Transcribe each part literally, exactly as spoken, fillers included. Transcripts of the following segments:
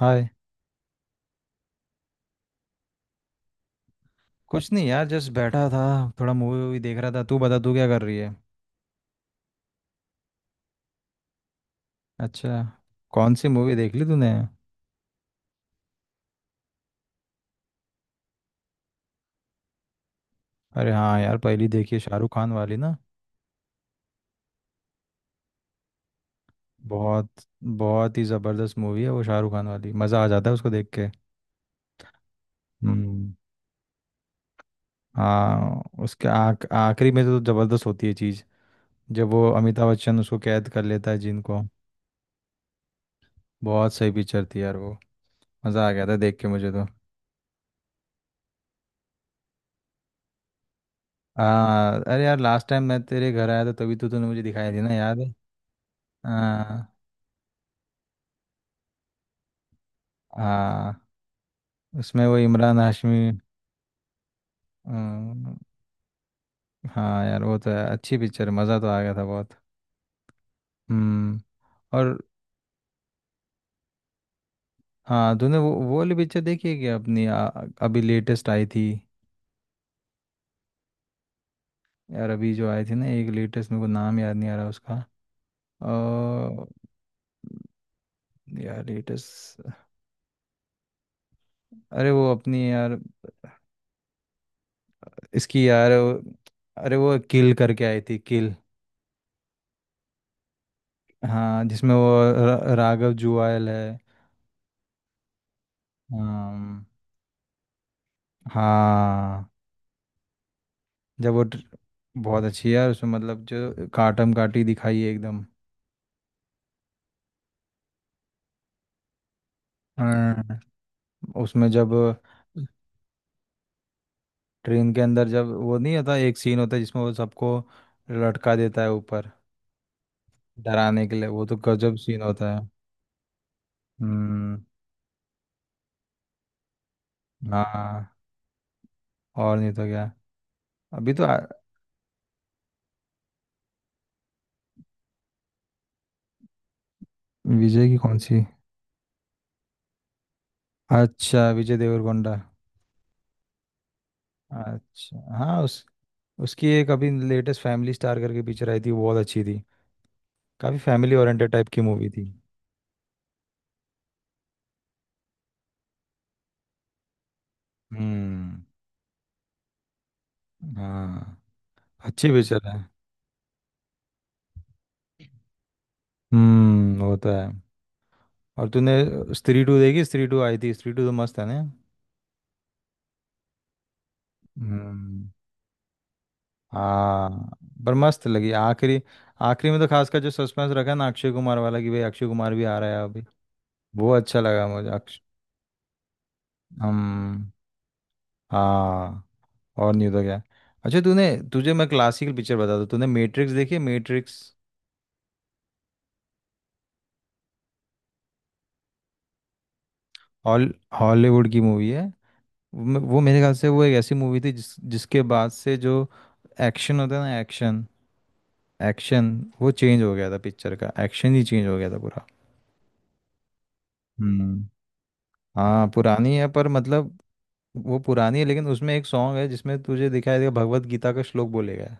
हाय। कुछ नहीं यार, जस्ट बैठा था। थोड़ा मूवी वूवी देख रहा था। तू बता, तू क्या कर रही है। अच्छा। कौन सी मूवी देख ली तूने? अरे हाँ यार, पहली देखी है, शाहरुख खान वाली ना। बहुत। बहुत ही ज़बरदस्त मूवी है वो शाहरुख खान वाली, मज़ा आ जाता है उसको देख के। हम्म। हाँ, उसके आख आखिरी में तो ज़बरदस्त होती है चीज़। जब वो अमिताभ बच्चन उसको कैद कर लेता है जिनको। बहुत सही पिक्चर थी यार वो। मज़ा आ गया था देख के मुझे तो। हाँ, अरे यार लास्ट टाइम मैं तेरे घर आया था, तभी तो तूने मुझे दिखाई थी ना, याद है? हाँ। हाँ, उसमें वो इमरान हाशमी। अम, हाँ यार वो तो है, अच्छी पिक्चर। मज़ा तो आ गया था बहुत। हम्म। और। हाँ, तूने वो वो वाली पिक्चर देखी है क्या अपनी? आ, अभी लेटेस्ट आई थी। यार, अभी जो आई थी ना एक लेटेस्ट, मेरे को नाम याद नहीं आ रहा उसका। अ, यार लेटेस्ट। अरे वो अपनी यार, इसकी यार वो- अरे वो किल करके आई थी, किल। हाँ, जिसमें वो र- राघव जुआल है। अम, हाँ। जब वो ड्र- बहुत अच्छी है यार, उसमें मतलब जो काटम काटी दिखाई है एकदम। हाँ। उसमें जब ट्रेन के अंदर जब वो नहीं होता, एक सीन होता है जिसमें वो सबको लटका देता है ऊपर, डराने के लिए। वो तो गजब सीन होता है। हम्म। हाँ, और नहीं तो क्या। अभी तो आ, विजय की कौन सी? अच्छा विजय देवरकोंडा। अच्छा हाँ, उस उसकी एक अभी लेटेस्ट फैमिली स्टार करके पिक्चर आई थी, वो बहुत अच्छी थी। काफी फैमिली ओरिएंटेड टाइप की मूवी थी। हम्म। हाँ। अच्छी पिक्चर है। हम्म वो तो है। और तूने स्त्री टू देखी? स्त्री टू आई थी, स्त्री टू तो मस्त है ना। हम्म। हाँ, पर मस्त लगी आखिरी। आखिरी में तो खासकर जो सस्पेंस रखा है ना अक्षय कुमार वाला, कि भाई अक्षय कुमार भी आ रहा है अभी। वो अच्छा लगा मुझे अक्ष हम। हाँ, और नहीं तो क्या। अच्छा तूने, तुझे मैं क्लासिकल पिक्चर बता दूँ? तूने मैट्रिक्स देखी है? मैट्रिक्स। हॉल हॉलीवुड की मूवी है। वो मे- वो मेरे ख्याल से वो एक ऐसी मूवी थी जिस जिसके बाद से जो एक्शन होता है ना, एक्शन, एक्शन, वो चेंज हो गया था, पिक्चर का एक्शन ही चेंज हो गया था पूरा। हम्म। हाँ पुरानी है, पर मतलब वो पुरानी है, लेकिन उसमें एक सॉन्ग है जिसमें तुझे दिखाई देगा, भगवत गीता का श्लोक बोलेगा।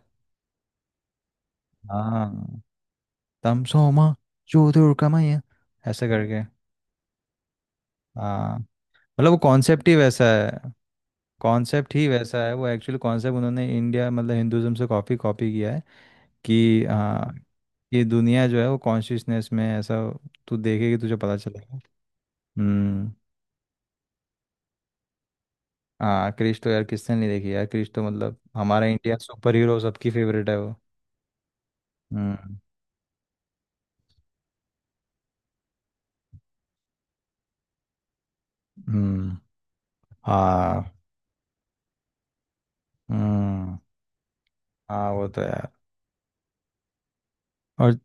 हाँ। तम सोमा ज्योतिर्गमय, ऐसे करके। हाँ, मतलब वो कॉन्सेप्ट ही वैसा है। कॉन्सेप्ट ही वैसा है, वो एक्चुअल कॉन्सेप्ट उन्होंने इंडिया मतलब हिंदुज्म से कॉपी कॉपी किया है कि हाँ, ये दुनिया जो है वो कॉन्शियसनेस में है, ऐसा। तू देखेगी, तुझे पता चलेगा। हम्म। हाँ क्रिश तो यार किसने नहीं देखी, यार क्रिश तो मतलब हमारा इंडिया सुपर हीरो, सबकी फेवरेट है वो। हम्म। हम्म। हाँ। हम्म। हाँ वो तो यार। और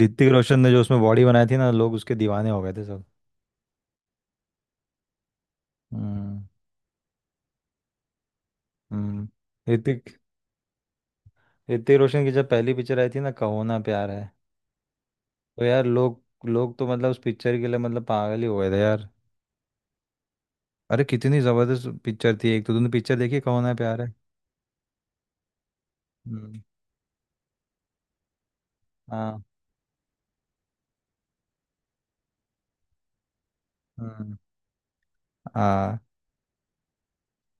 ऋतिक रोशन ने जो उसमें बॉडी बनाई थी ना, लोग उसके दीवाने हो गए थे सब। हम्म। हम्म। ऋतिक ऋतिक रोशन की जब पहली पिक्चर आई थी ना, कहो ना प्यार है। तो यार लोग लोग तो मतलब उस पिक्चर के लिए मतलब पागल ही हो गए थे यार। अरे कितनी जबरदस्त पिक्चर थी, एक तो तुमने पिक्चर देखी कहो ना प्यार है। हम्म। हाँ। हम्म। हाँ।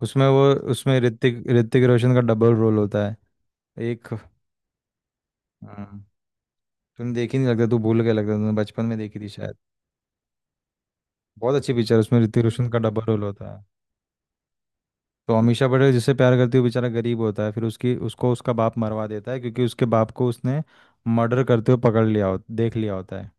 उसमें वो, उसमें ऋतिक ऋतिक रोशन का डबल रोल होता है। एक। हाँ तुमने देखी नहीं लगता, तू भूल गया लगता, तुमने बचपन में देखी थी शायद। बहुत अच्छी पिक्चर, उसमें ऋतिक रोशन का डबल रोल होता है। तो अमीषा पटेल जिससे प्यार करती है वो बेचारा गरीब होता है, फिर उसकी उसको उसका बाप मरवा देता है क्योंकि उसके बाप को उसने मर्डर करते हुए पकड़ लिया, हो देख लिया होता है।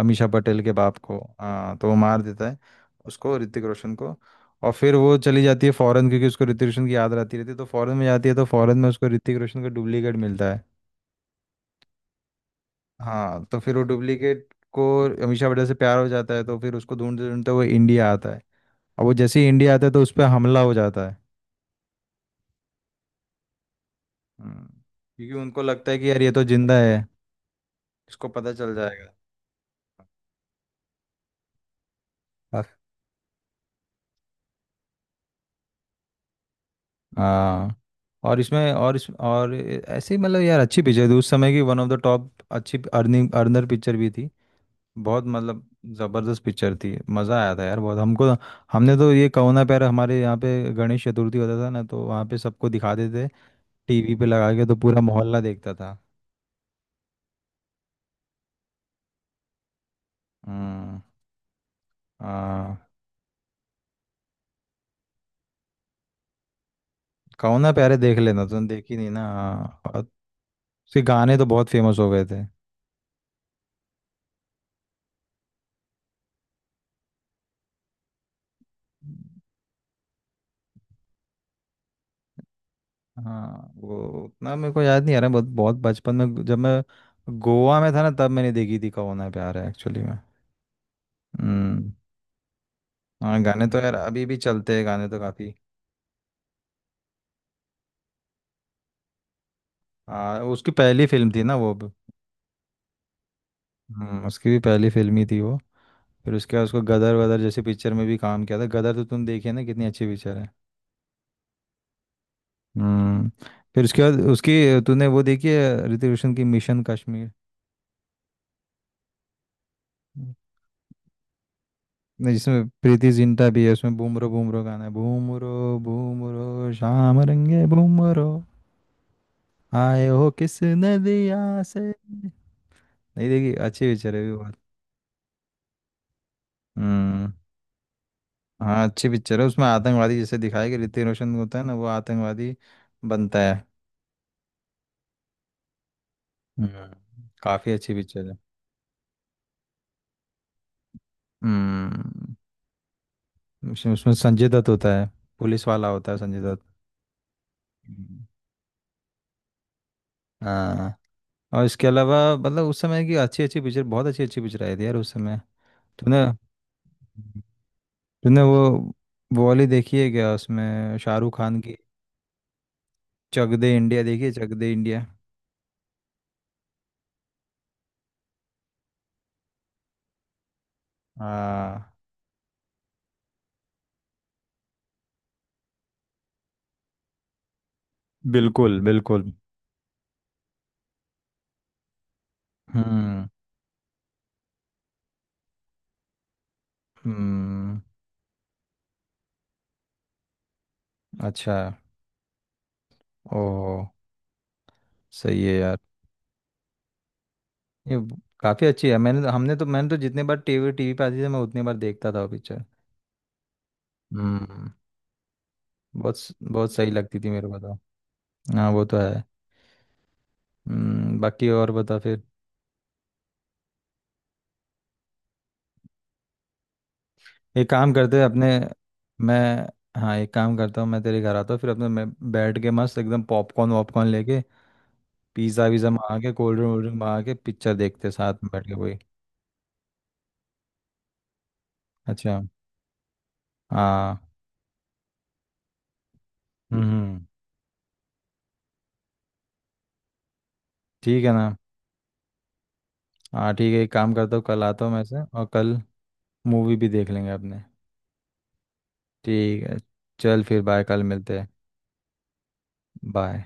अमीषा पटेल के बाप को हाँ, तो वो मार देता है उसको, ऋतिक रोशन को। और फिर वो चली जाती है फॉरेन क्योंकि उसको ऋतिक रोशन की याद आती रहती है, तो फॉरेन में जाती है, तो फॉरेन में उसको ऋतिक रोशन का डुप्लीकेट मिलता है। हाँ, तो फिर वो डुप्लीकेट को, अमीषा बड़े से प्यार हो जाता है, तो फिर उसको ढूंढते ढूंढते वो इंडिया आता है। अब वो जैसे ही इंडिया आता है, तो उस पर हमला हो जाता है। हम्म, क्योंकि उनको लगता है कि यार ये तो जिंदा है, इसको पता चल जाएगा। अ- हाँ, और इसमें और इस और ऐसे ही मतलब यार अच्छी पिक्चर थी उस समय की, वन ऑफ द टॉप अच्छी अर्निंग अर्नर पिक्चर भी थी। बहुत मतलब ज़बरदस्त पिक्चर थी, मज़ा आया था यार बहुत हमको। हमने तो ये कहो ना प्यार, हमारे यहाँ पे गणेश चतुर्थी होता था ना, तो वहाँ पे सबको दिखा देते टीवी पे लगा के, तो पूरा मोहल्ला देखता था। हम्म। हाँ, कहो ना प्यारे देख लेना, तुमने देखी नहीं ना, हाँ। और उसके गाने तो बहुत फेमस हो गए थे। हाँ, वो उतना मेरे को याद नहीं आ रहा। बहुत बहुत बचपन में जब मैं गोवा में था ना, तब मैंने देखी थी कहो ना प्यार है एक्चुअली में। हम्म। हाँ गाने तो यार अभी भी चलते हैं, गाने तो काफ़ी। हाँ, उसकी पहली फिल्म थी ना वो भी। हम्म उसकी भी पहली फिल्म ही थी वो। फिर उसके बाद उसको गदर वदर जैसी पिक्चर में भी काम किया था, गदर तो तुम देखी है ना, कितनी अच्छी पिक्चर है। हम्म। फिर उसके बाद उसकी, तूने वो देखी है ऋतिक रोशन की, मिशन कश्मीर? हम्म। नहीं, जिसमें प्रीति जिंटा भी है, उसमें बूमरो बूमरो गाना है, बूमरो बूमरो शाम रंगे बूमरो, आए हो किस नदिया से। नहीं देखी, अच्छी पिक्चर है भी बहुत। हम्म। हाँ अच्छी पिक्चर है, उसमें आतंकवादी जैसे दिखाया कि ऋतिक रोशन होता है ना, वो आतंकवादी बनता है। हम्म काफी अच्छी पिक्चर है। हम्म उसमें उसमें संजय दत्त होता है, पुलिस वाला होता है संजय दत्त। हाँ, और इसके अलावा मतलब उस समय की अच्छी अच्छी पिक्चर, बहुत अच्छी अच्छी पिक्चर आई थी यार उस समय। तूने तूने वो वो वाली देखी है क्या, उसमें शाहरुख खान की? चक दे इंडिया देखी है चक दे इंडिया? हाँ बिल्कुल बिल्कुल। हम्म। हम्म। अच्छा। ओह। सही है यार। ये ब- काफी अच्छी है, मैंने तो- हमने तो मैंने तो जितने बार टीवी टीवी पे आती थी, मैं उतनी बार देखता था वो पिक्चर। हम्म। बहुत स- बहुत सही लगती थी मेरे को तो। हाँ वो तो है। हम्म बाकी और बता फिर। एक काम करते हैं अपने मैं हाँ, एक काम करता हूँ, मैं तेरे घर आता हूँ, फिर अपने मैं बैठ के मस्त एकदम पॉपकॉर्न वॉपकॉर्न लेके पिज़्ज़ा वीज़ा मंगा के कोल्ड ड्रिंक वोल्ड ड्रिंक मंगा के पिक्चर देखते हैं साथ में बैठ के कोई। अच्छा। हाँ। हम्म। हम्म, ठीक है ना। हाँ ठीक है, एक काम करता हूँ, कल आता हूँ मैं से, और कल मूवी भी देख लेंगे अपने। ठीक है। चल फिर, बाय, कल मिलते हैं। बाय।